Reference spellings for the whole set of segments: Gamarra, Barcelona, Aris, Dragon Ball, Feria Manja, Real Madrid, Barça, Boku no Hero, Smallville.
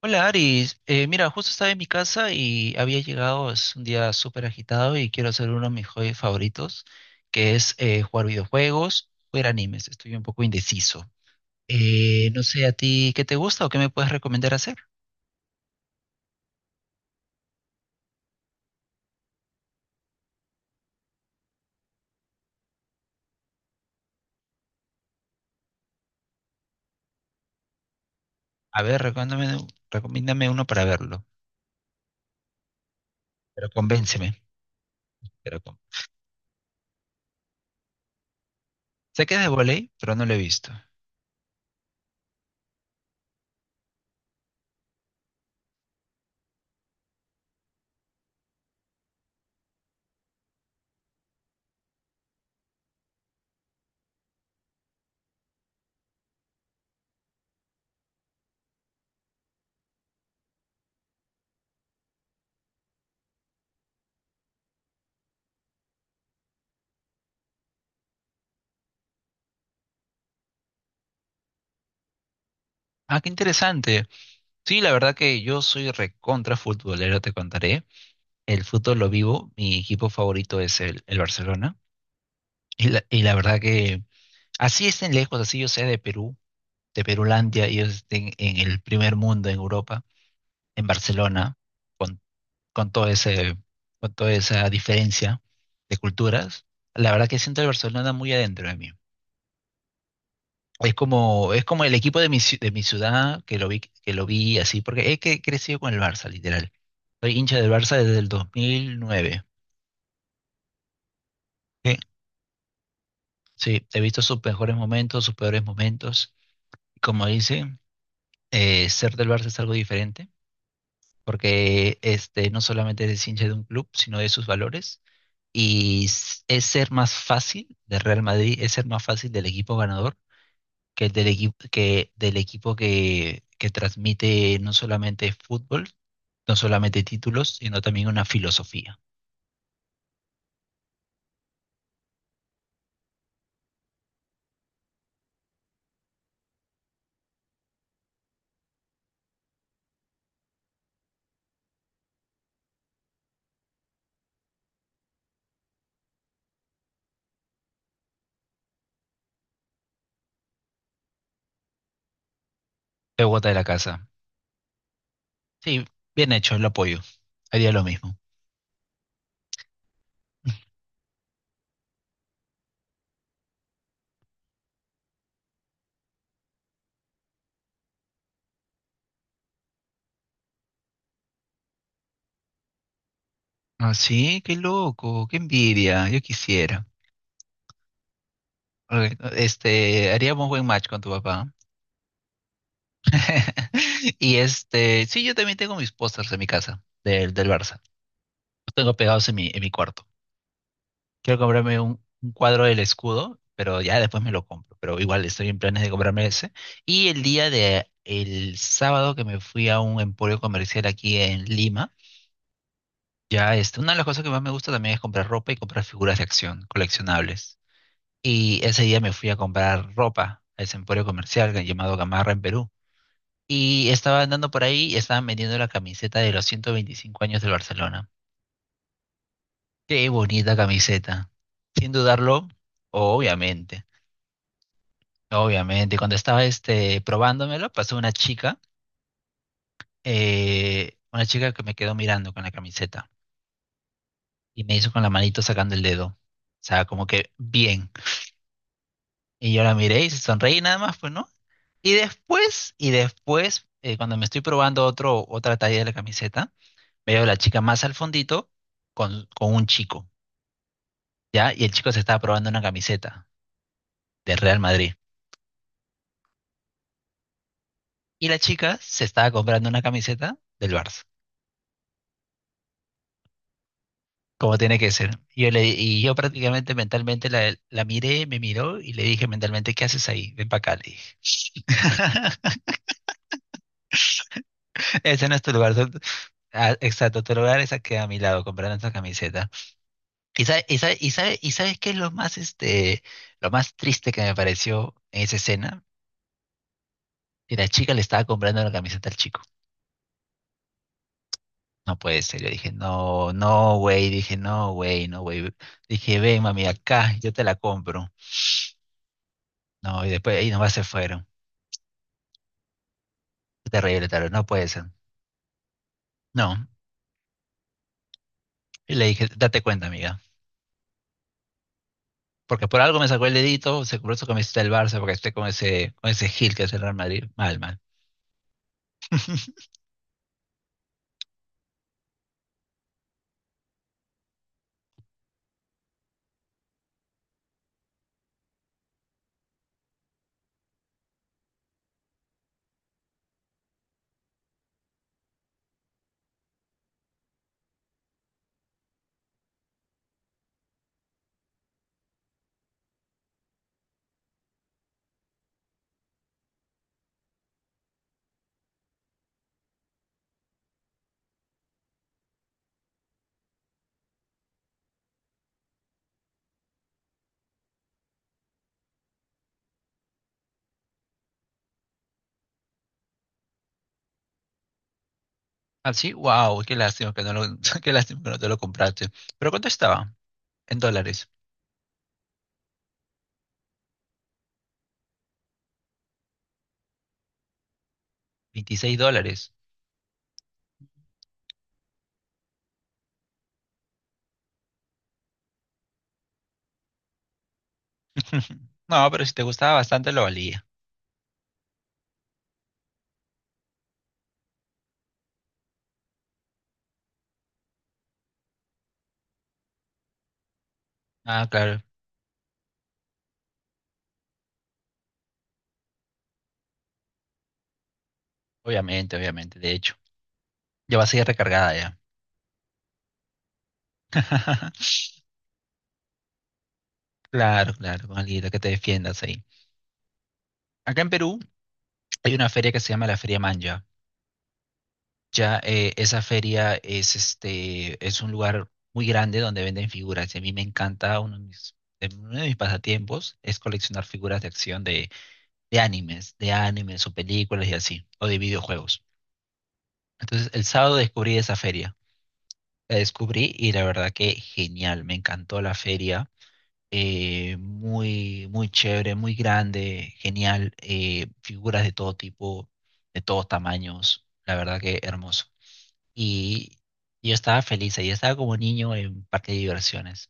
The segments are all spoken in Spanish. Hola Aris. Mira, justo estaba en mi casa y había llegado, es un día súper agitado y quiero hacer uno de mis hobbies favoritos, que es jugar videojuegos, ver animes, estoy un poco indeciso. No sé a ti qué te gusta o qué me puedes recomendar hacer. A ver, recomiéndame, recomiéndame uno para verlo, pero convénceme. Pero con- Sé que es de voley, pero no lo he visto. Ah, qué interesante. Sí, la verdad que yo soy recontra futbolero, te contaré. El fútbol lo vivo, mi equipo favorito es el Barcelona. Y la verdad que así estén lejos, así yo sé, de Perú, de Perulandia, ellos estén en el primer mundo, en Europa, en Barcelona, con todo ese, con toda esa diferencia de culturas, la verdad que siento el Barcelona muy adentro de mí. Es como el equipo de de mi ciudad, que lo vi así, porque crecido con el Barça, literal. Soy hincha del Barça desde el 2009. Sí, sí, he visto sus mejores momentos, sus peores momentos. Como dice, ser del Barça es algo diferente, porque este, no solamente es hincha de un club, sino de sus valores. Y es ser más fácil de Real Madrid, es ser más fácil del equipo ganador que el del equipo que, del equipo que transmite no solamente fútbol, no solamente títulos, sino también una filosofía. Pegota de la casa. Sí, bien hecho, lo apoyo. Haría lo mismo. Ah, sí, qué loco, qué envidia, yo quisiera. Ok. Este, haríamos buen match con tu papá. Y este, sí, yo también tengo mis pósters en mi casa del Barça. Los tengo pegados en en mi cuarto. Quiero comprarme un cuadro del escudo, pero ya después me lo compro. Pero igual estoy en planes de comprarme ese. Y el día de el sábado que me fui a un emporio comercial aquí en Lima, ya este, una de las cosas que más me gusta también es comprar ropa y comprar figuras de acción coleccionables. Y ese día me fui a comprar ropa a ese emporio comercial llamado Gamarra, en Perú. Y estaba andando por ahí y estaban vendiendo la camiseta de los 125 años del Barcelona. Qué bonita camiseta. Sin dudarlo, obviamente, obviamente. Cuando estaba este, probándomelo, pasó una chica que me quedó mirando con la camiseta y me hizo con la manito sacando el dedo. O sea, como que bien. Y yo la miré y se sonreí nada más, pues, ¿no? Y después, cuando me estoy probando otro, otra talla de la camiseta, veo a la chica más al fondito con un chico. ¿Ya? Y el chico se estaba probando una camiseta del Real Madrid. Y la chica se estaba comprando una camiseta del Barça, como tiene que ser. Y yo, y yo prácticamente mentalmente la miré, me miró y le dije mentalmente, ¿qué haces ahí? Ven para acá, le dije. Ese no es tu lugar. Ah, exacto, tu lugar es aquí a mi lado comprando esa camiseta. ¿Y, sabe- y sabes qué es lo más, este, lo más triste que me pareció en esa escena? Que la chica le estaba comprando la camiseta al chico. No puede ser. Yo dije, no, no, güey. Dije, no, güey, no, güey. Dije, ven, mami, acá, yo te la compro. No, y después ahí nomás se fueron. Terrible, terrible, no puede ser. No. Y le dije, date cuenta, amiga. Porque por algo me sacó el dedito, se compró su camiseta del Barça, porque esté con ese Gil que es el Real Madrid. Mal, mal. Así, wow, qué lástima que no lo, qué lástima que no te lo compraste. Pero ¿cuánto estaba? En dólares. 26 dólares. No, pero si te gustaba bastante lo valía. Ah, claro, obviamente, obviamente, de hecho. Ya vas a ir recargada ya. Claro, claro, con alguien que te defiendas ahí. Acá en Perú hay una feria que se llama la Feria Manja. Ya, esa feria es este es un lugar muy grande donde venden figuras. Y a mí me encanta uno de uno de mis pasatiempos es coleccionar figuras de acción de animes o películas y así, o de videojuegos. Entonces el sábado descubrí esa feria. La descubrí y la verdad que genial, me encantó la feria. Muy, muy chévere, muy grande, genial, figuras de todo tipo, de todos tamaños, la verdad que hermoso. Y yo estaba feliz ahí, estaba como niño en parque de diversiones.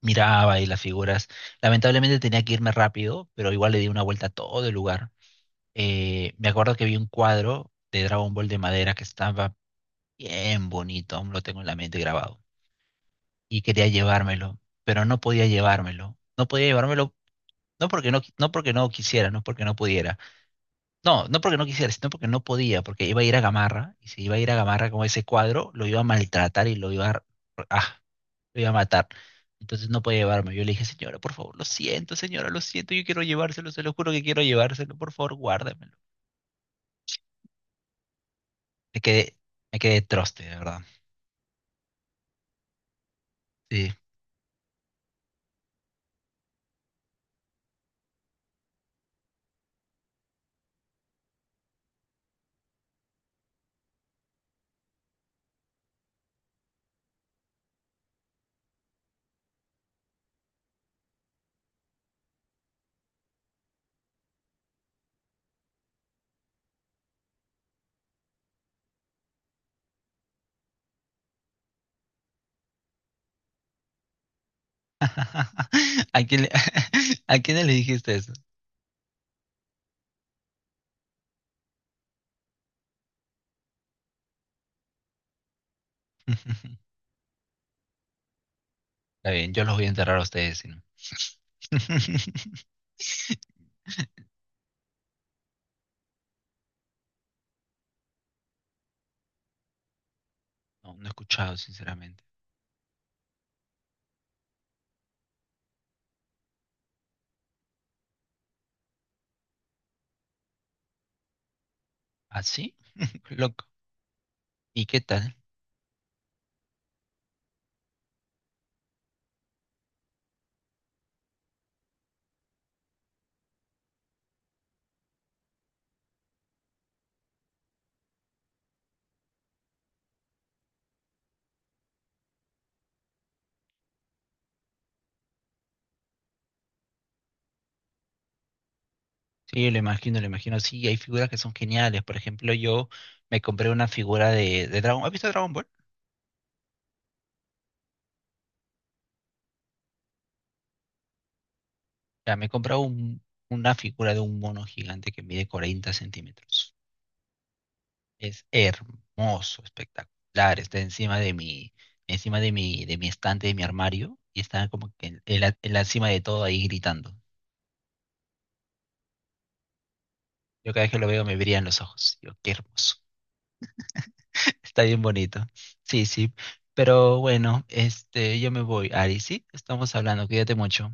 Miraba ahí las figuras. Lamentablemente tenía que irme rápido, pero igual le di una vuelta a todo el lugar. Me acuerdo que vi un cuadro de Dragon Ball de madera que estaba bien bonito, aún lo tengo en la mente grabado. Y quería llevármelo, pero no podía llevármelo. No podía llevármelo. No porque no quisiera, no porque no pudiera. No, no porque no quisiera, sino porque no podía, porque iba a ir a Gamarra, y si iba a ir a Gamarra con ese cuadro, lo iba a maltratar y ah, lo iba a matar. Entonces no podía llevarme. Yo le dije, señora, por favor, lo siento, señora, lo siento, yo quiero llevárselo, se lo juro que quiero llevárselo, por favor, guárdamelo. Me quedé, me quedé troste, de verdad. Sí. ¿A quién a quién le dijiste eso? Está bien, yo los voy a enterrar a ustedes, si no. No, no he escuchado, sinceramente. ¿Así? Loco. ¿Y qué tal? Sí, lo imagino, lo imagino. Sí, hay figuras que son geniales. Por ejemplo, yo me compré una figura de Dragon. ¿Has visto Dragon Ball? Ya, me he una figura de un mono gigante que mide 40 centímetros. Es hermoso, espectacular. Está encima de encima de de mi estante, de mi armario, y está como que en en la cima de todo ahí gritando. Yo cada vez que lo veo me brillan los ojos. Yo, qué hermoso. Está bien bonito. Sí, sí. Pero bueno, este, yo me voy, Ari, ¿sí? Estamos hablando, cuídate mucho.